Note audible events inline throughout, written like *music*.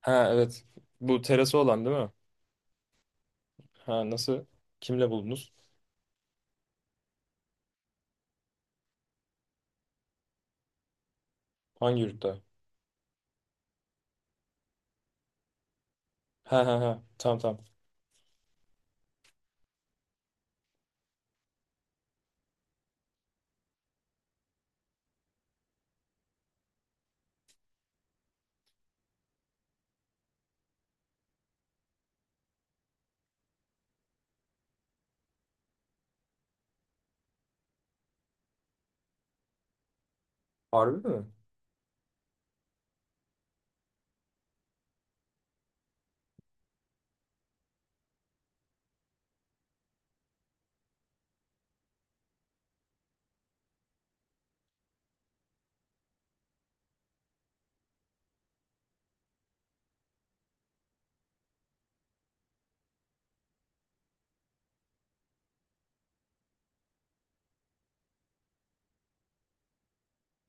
Ha evet. Bu terası olan değil mi? Ha nasıl? Kimle buldunuz? Hangi yurtta? Ha ha ha. Tamam tamam. Harbi mi?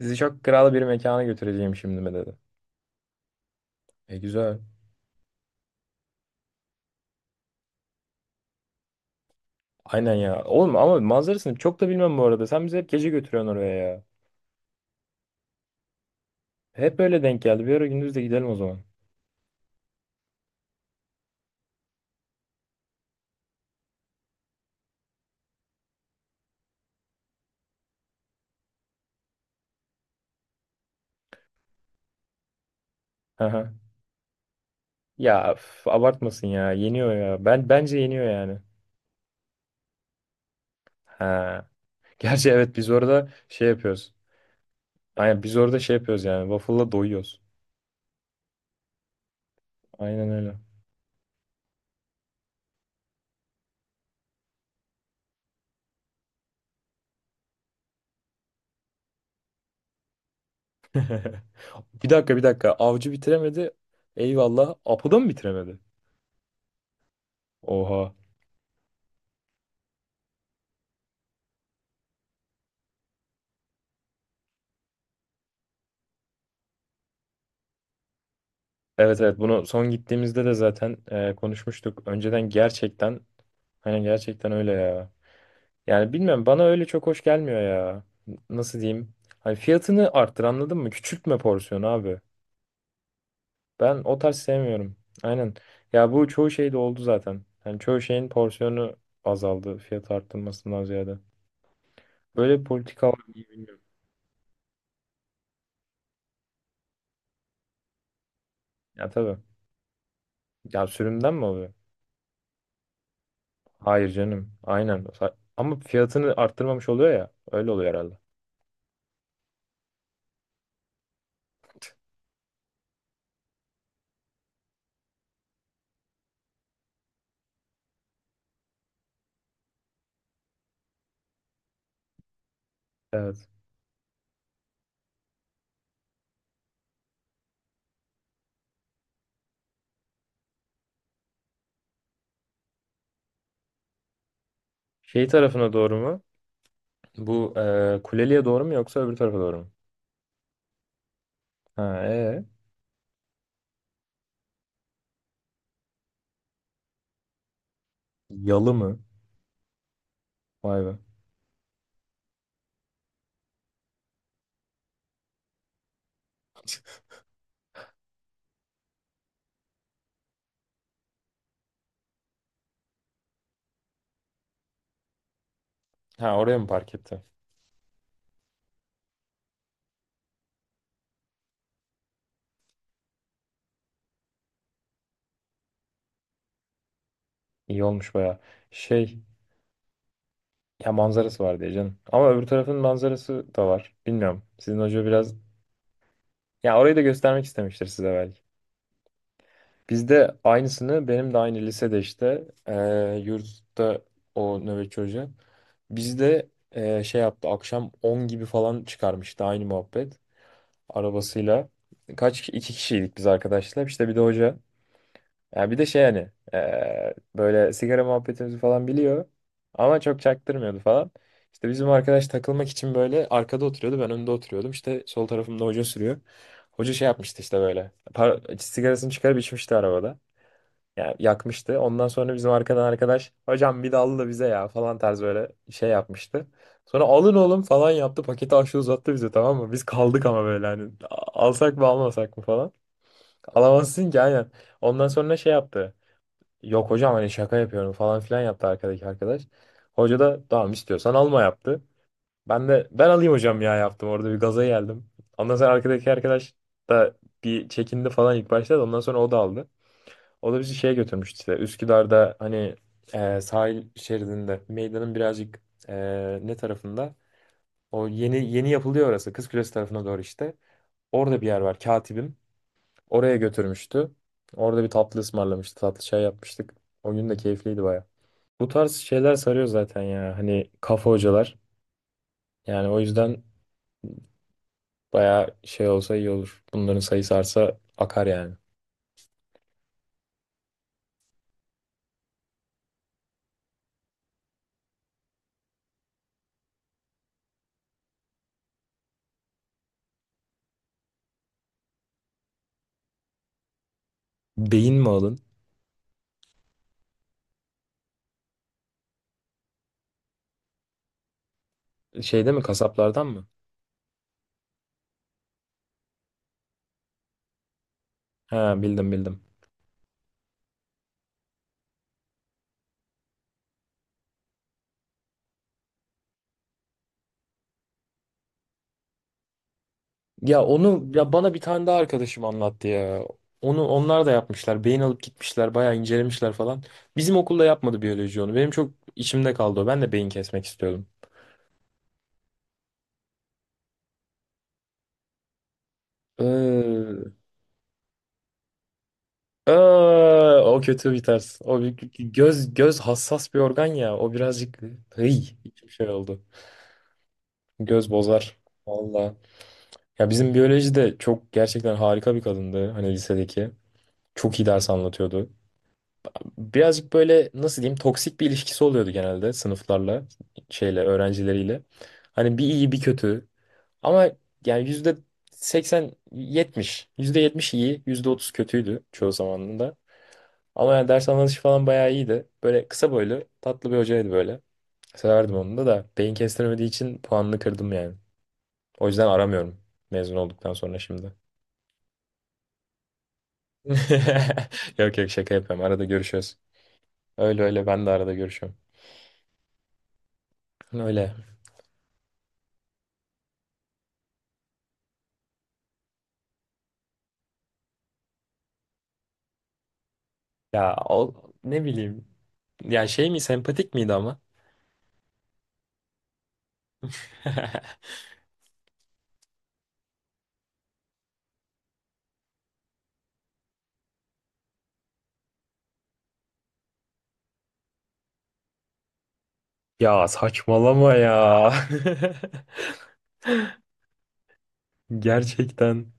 Sizi çok kral bir mekana götüreceğim şimdi mi dedi. E güzel. Aynen ya. Oğlum ama manzarasını çok da bilmem bu arada. Sen bizi hep gece götürüyorsun oraya ya. Hep öyle denk geldi. Bir ara gündüz de gidelim o zaman. Ha ha. Ya üf, abartmasın ya. Yeniyor ya. Ben bence yeniyor yani. Ha. Gerçi evet biz orada şey yapıyoruz. Aynen biz orada şey yapıyoruz yani. Waffle'la doyuyoruz. Aynen öyle. *laughs* Bir dakika bir dakika. Avcı bitiremedi. Eyvallah. Apo da mı bitiremedi? Oha. Evet evet bunu son gittiğimizde de zaten konuşmuştuk. Önceden gerçekten hani gerçekten öyle ya. Yani bilmem bana öyle çok hoş gelmiyor ya. Nasıl diyeyim? Hani fiyatını arttır anladın mı? Küçültme porsiyonu abi. Ben o tarz sevmiyorum. Aynen. Ya bu çoğu şeyde oldu zaten. Hani çoğu şeyin porsiyonu azaldı fiyat arttırmasından ziyade. Böyle bir politika var mı bilmiyorum. Ya tabii. Ya sürümden mi oluyor? Hayır canım. Aynen. Ama fiyatını arttırmamış oluyor ya. Öyle oluyor herhalde. Evet. Şey tarafına doğru mu? Bu Kuleli'ye doğru mu yoksa öbür tarafa doğru mu? Ha, ee? Yalı mı? Vay be. Ha oraya mı park etti? İyi olmuş baya. Şey ya manzarası var diye canım. Ama öbür tarafın manzarası da var. Bilmiyorum. Sizin hoca biraz ya orayı da göstermek istemiştir size belki. Bizde aynısını benim de aynı lisede işte yurtta o nöbetçi hoca. Bizde şey yaptı akşam 10 gibi falan çıkarmıştı aynı muhabbet arabasıyla. Kaç kişi? İki kişiydik biz arkadaşlar işte bir de hoca. Yani bir de şey hani böyle sigara muhabbetimizi falan biliyor ama çok çaktırmıyordu falan. İşte bizim arkadaş takılmak için böyle arkada oturuyordu, ben önde oturuyordum işte, sol tarafımda hoca sürüyor. Hoca şey yapmıştı işte, böyle sigarasını çıkarıp içmişti arabada. Yani yakmıştı. Ondan sonra bizim arkadan arkadaş, hocam bir dallı da bize ya falan tarz böyle şey yapmıştı. Sonra alın oğlum falan yaptı. Paketi aşağı uzattı bize, tamam mı? Biz kaldık ama böyle hani "Alsak mı almasak mı falan. Alamazsın ki aynen. Ondan sonra şey yaptı. Yok hocam, hani şaka yapıyorum falan filan yaptı arkadaki arkadaş. Hoca da tamam istiyorsan alma yaptı. Ben de ben alayım hocam ya yaptım. Orada bir gaza geldim. Ondan sonra arkadaki arkadaş da bir çekindi falan ilk başta, da ondan sonra o da aldı. O da bizi şeye götürmüştü işte. Üsküdar'da hani sahil şeridinde meydanın birazcık ne tarafında? O yeni yeni yapılıyor orası. Kızkulesi tarafına doğru işte. Orada bir yer var. Katibim. Oraya götürmüştü. Orada bir tatlı ısmarlamıştı. Tatlı çay yapmıştık. O gün de keyifliydi baya. Bu tarz şeyler sarıyor zaten ya. Hani kafa hocalar. Yani o yüzden baya şey olsa iyi olur. Bunların sayısı artsa akar yani. Beyin mi alın? Şeyde mi, kasaplardan mı? Ha bildim bildim. Ya onu ya, bana bir tane daha arkadaşım anlattı ya. Onu onlar da yapmışlar. Beyin alıp gitmişler, bayağı incelemişler falan. Bizim okulda yapmadı biyoloji onu. Benim çok içimde kaldı o. Ben de beyin kesmek istiyordum. Ee, o kötü bir ters. O göz hassas bir organ ya. O birazcık hıy, bir şey oldu. Göz bozar. Valla. Ya bizim biyoloji de çok gerçekten harika bir kadındı. Hani lisedeki. Çok iyi ders anlatıyordu. Birazcık böyle, nasıl diyeyim, toksik bir ilişkisi oluyordu genelde sınıflarla, şeyle, öğrencileriyle. Hani bir iyi bir kötü. Ama yani yüzde 80, 70. Yüzde 70 iyi, yüzde 30 kötüydü çoğu zamanında. Ama yani ders anlatışı falan bayağı iyiydi. Böyle kısa boylu, tatlı bir hocaydı böyle. Severdim onu da beyin kestiremediği için puanını kırdım yani. O yüzden aramıyorum mezun olduktan sonra şimdi. *laughs* Yok yok şaka yapıyorum. Arada görüşüyoruz. Öyle öyle, ben de arada görüşüyorum. Öyle. Ya o, ne bileyim. Ya şey mi, sempatik miydi ama? *laughs* Ya saçmalama ya. *laughs* Gerçekten.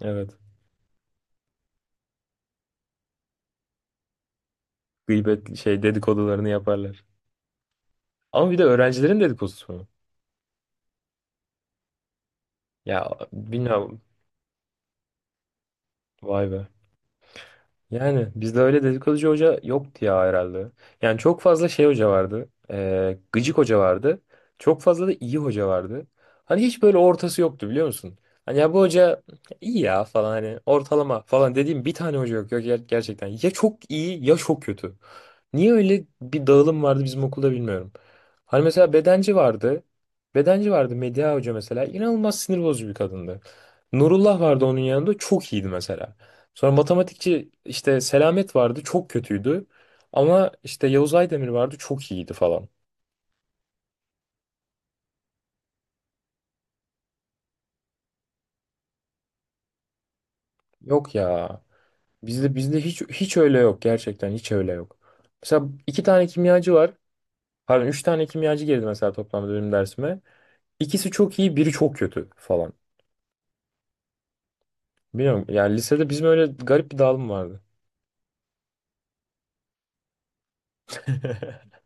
Evet. Gıybet şey, dedikodularını yaparlar. Ama bir de öğrencilerin dedikodusu mu? Ya bilmiyorum. Vay be. Yani bizde öyle dedikoducu hoca yoktu ya herhalde. Yani çok fazla şey hoca vardı. Gıcık hoca vardı. Çok fazla da iyi hoca vardı. Hani hiç böyle ortası yoktu biliyor musun? Hani ya bu hoca iyi ya falan, hani ortalama falan dediğim bir tane hoca yok. Yok gerçekten ya çok iyi ya çok kötü. Niye öyle bir dağılım vardı bizim okulda bilmiyorum. Hani mesela bedenci vardı. Bedenci vardı Medya Hoca mesela. İnanılmaz sinir bozucu bir kadındı. Nurullah vardı onun yanında, çok iyiydi mesela. Sonra matematikçi işte Selamet vardı, çok kötüydü. Ama işte Yavuz Aydemir vardı, çok iyiydi falan. Yok ya. Bizde hiç hiç öyle yok, gerçekten hiç öyle yok. Mesela iki tane kimyacı var. Pardon, üç tane kimyacı girdi mesela toplamda benim dersime. İkisi çok iyi, biri çok kötü falan. Bilmiyorum yani lisede bizim öyle garip bir dağılım vardı. *laughs*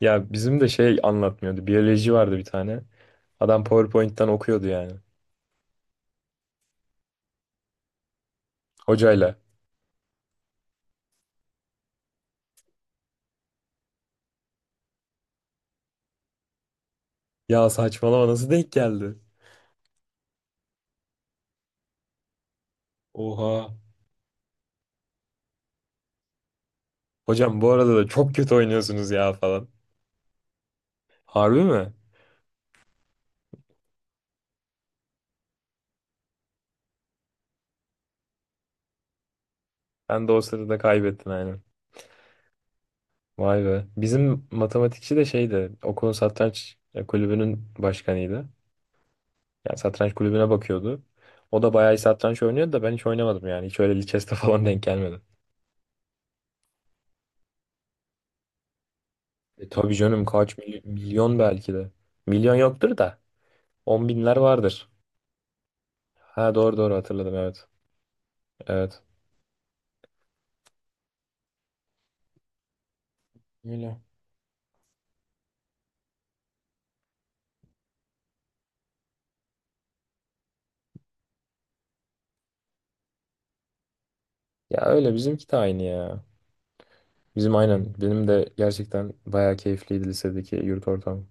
Ya bizim de şey anlatmıyordu. Biyoloji vardı bir tane. Adam PowerPoint'ten okuyordu yani. Hocayla. Ya saçmalama, nasıl denk geldi? Oha. Hocam bu arada da çok kötü oynuyorsunuz ya falan. Harbi mi? Ben de o sırada kaybettin aynen. Vay be. Bizim matematikçi de şeydi. Okulun satranç kulübünün başkanıydı. Yani satranç kulübüne bakıyordu. O da bayağı iyi satranç oynuyordu da ben hiç oynamadım yani. Hiç öyle lichess'te *laughs* falan denk gelmedi. E tabii canım kaç milyon belki de. Milyon yoktur da. On binler vardır. Ha doğru doğru hatırladım evet. Evet. Öyle. Ya öyle bizimki de aynı ya. Bizim aynen. Benim de gerçekten bayağı keyifliydi lisedeki yurt ortamı.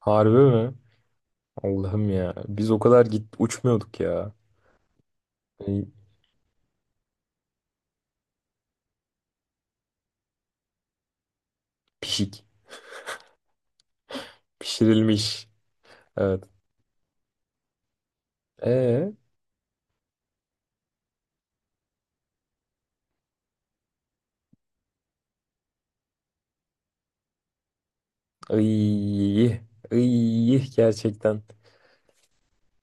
Harbi mi? Allah'ım ya. Biz o kadar git uçmuyorduk ya. Ay, Pişik. Pişirilmiş. Evet. Ee, iyi. İyi gerçekten.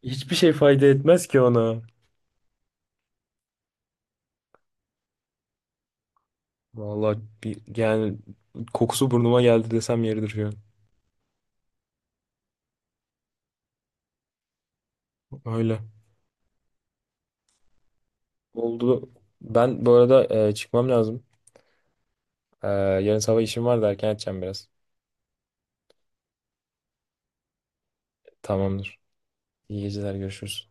Hiçbir şey fayda etmez ki ona. Vallahi bir, yani kokusu burnuma geldi desem yeridir şu an. Öyle. Oldu. Ben bu arada çıkmam lazım. Yarın sabah işim var da erken edeceğim biraz. Tamamdır. İyi geceler görüşürüz.